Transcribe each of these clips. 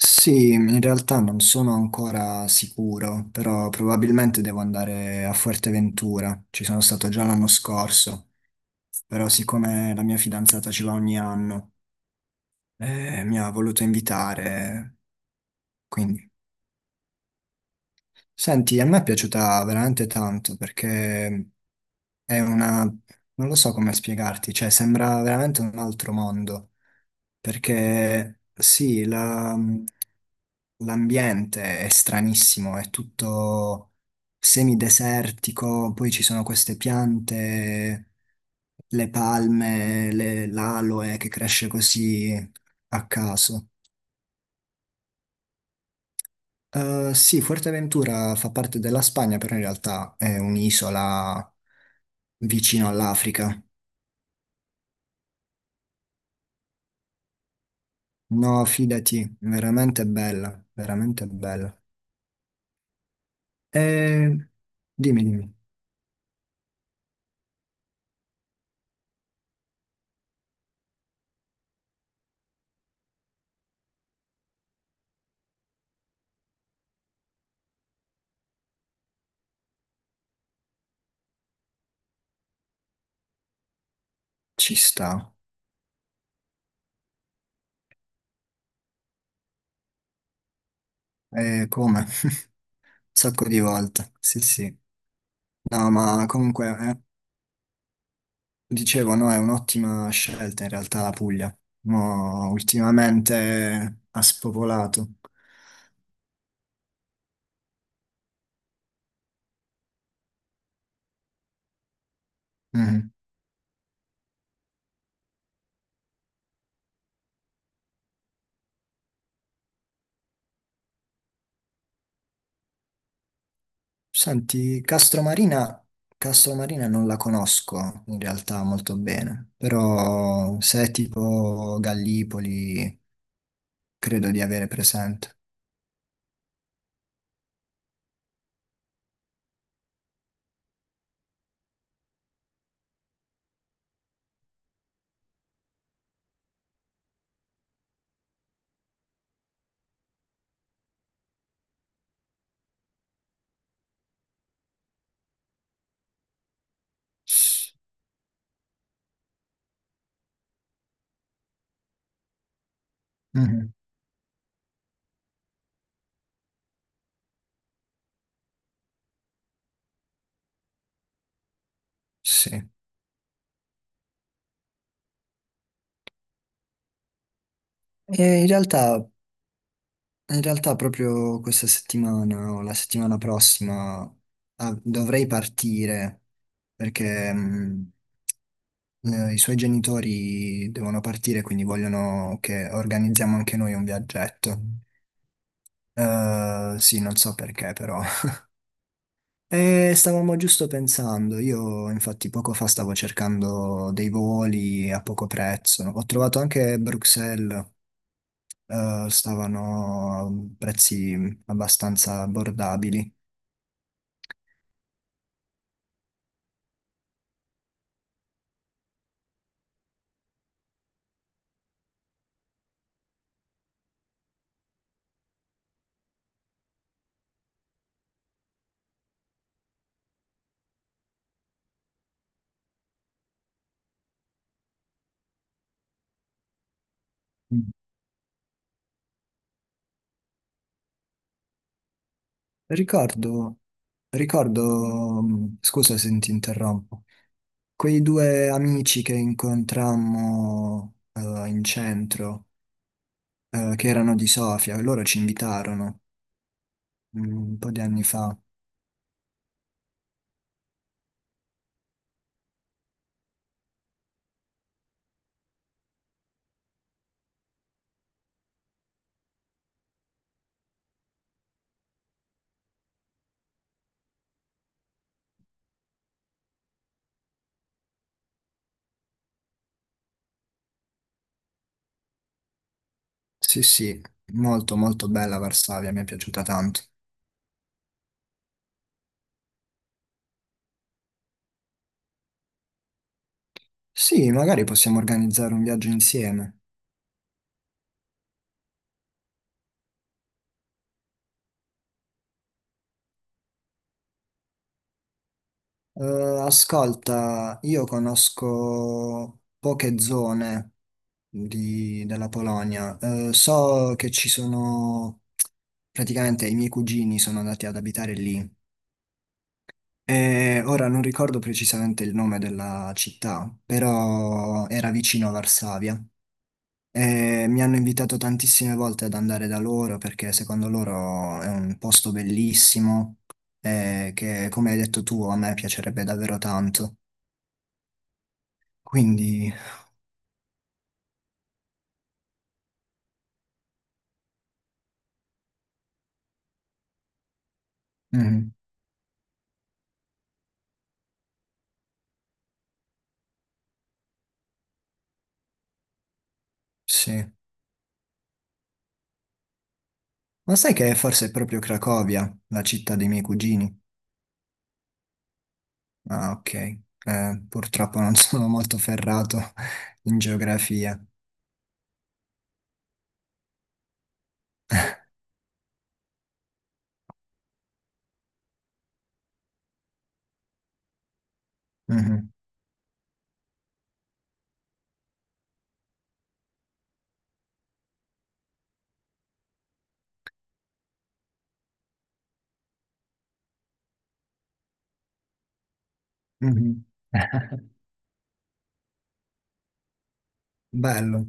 Sì, in realtà non sono ancora sicuro, però probabilmente devo andare a Fuerteventura. Ci sono stato già l'anno scorso, però siccome la mia fidanzata ci va ogni anno, mi ha voluto invitare, quindi... Senti, a me è piaciuta veramente tanto perché è una... non lo so come spiegarti, cioè sembra veramente un altro mondo, perché sì, l'ambiente è stranissimo, è tutto semidesertico, poi ci sono queste piante, le palme, l'aloe che cresce così a caso. Sì, Fuerteventura fa parte della Spagna, però in realtà è un'isola vicino all'Africa. No, fidati, veramente bella, veramente bella. E dimmi, dimmi, ci sta. E come? Un sacco di volte, sì, sì. No, ma comunque, dicevo, no, è un'ottima scelta in realtà la Puglia. Mo ultimamente ha spopolato. Mhm. Senti, Castromarina, Castromarina non la conosco in realtà molto bene, però se è tipo Gallipoli, credo di avere presente. Mhm. Sì. E in realtà In realtà proprio questa settimana o la settimana prossima, dovrei partire perché i suoi genitori devono partire, quindi vogliono che organizziamo anche noi un viaggetto. Sì, non so perché però. E stavamo giusto pensando, io infatti poco fa stavo cercando dei voli a poco prezzo. Ho trovato anche Bruxelles, stavano a prezzi abbastanza abbordabili. Ricordo, ricordo, scusa se ti interrompo, quei due amici che incontrammo in centro, che erano di Sofia, loro ci invitarono un po' di anni fa. Sì, sì, molto molto bella Varsavia, mi è piaciuta tanto. Sì, magari possiamo organizzare un viaggio insieme. Ascolta, io conosco poche zone della Polonia. So che ci sono, praticamente i miei cugini sono andati ad abitare lì. E ora non ricordo precisamente il nome della città, però era vicino a Varsavia. E mi hanno invitato tantissime volte ad andare da loro perché secondo loro è un posto bellissimo che, come hai detto tu, a me piacerebbe davvero tanto. Quindi, mm, sì. Ma sai che forse è proprio Cracovia, la città dei miei cugini? Ah, ok. Purtroppo non sono molto ferrato in geografia. Mhm, mhm. Bello.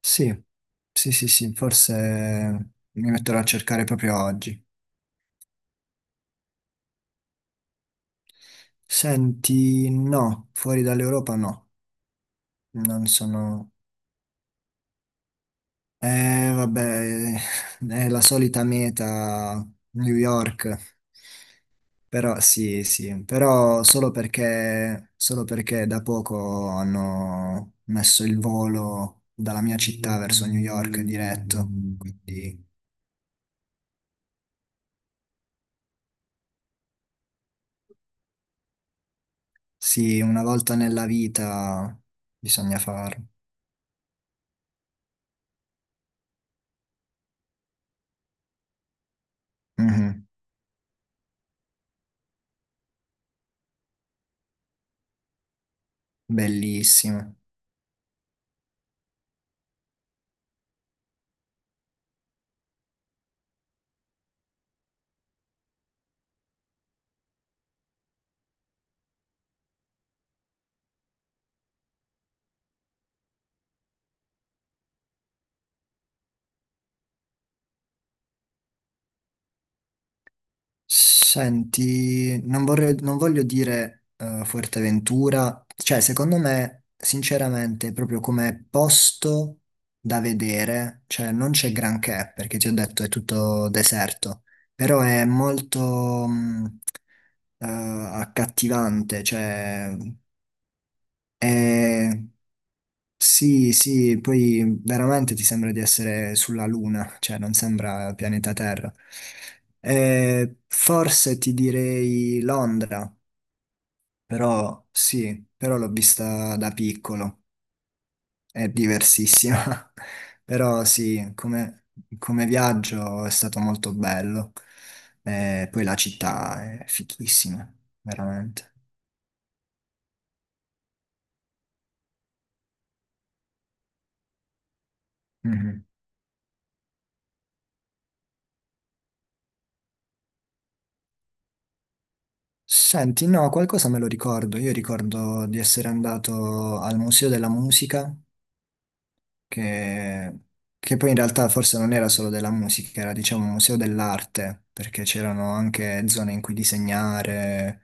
Sì, sì, sì, sì, forse mi metterò a cercare proprio oggi. Senti, no, fuori dall'Europa no. Non sono... vabbè, è la solita meta, New York. Però sì, sì, però solo perché da poco hanno messo il volo dalla mia città verso New York diretto. Quindi sì, una volta nella vita bisogna farlo. Mhm. Bellissimo. Senti, non voglio dire Fuerteventura, cioè secondo me, sinceramente, proprio come posto da vedere, cioè non c'è granché, perché ti ho detto è tutto deserto, però è molto accattivante, cioè è sì, sì, poi veramente ti sembra di essere sulla Luna, cioè non sembra pianeta Terra. Forse ti direi Londra, però sì, però l'ho vista da piccolo, è diversissima, però sì, come, come viaggio è stato molto bello. Poi la città è fichissima, veramente. Mhm. Senti, no, qualcosa me lo ricordo. Io ricordo di essere andato al Museo della Musica, che, che poi in realtà forse non era solo della musica, era diciamo un museo dell'arte, perché c'erano anche zone in cui disegnare.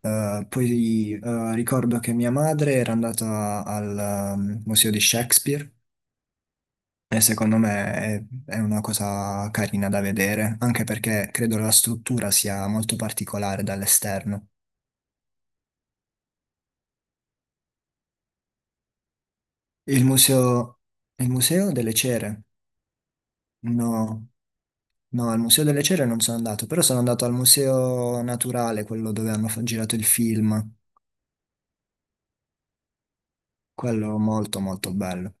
Poi ricordo che mia madre era andata al Museo di Shakespeare e secondo me è una cosa carina da vedere, anche perché credo la struttura sia molto particolare dall'esterno. Il museo, il museo delle cere? No, no, al museo delle cere non sono andato, però sono andato al museo naturale, quello dove hanno girato il film. Quello molto molto bello.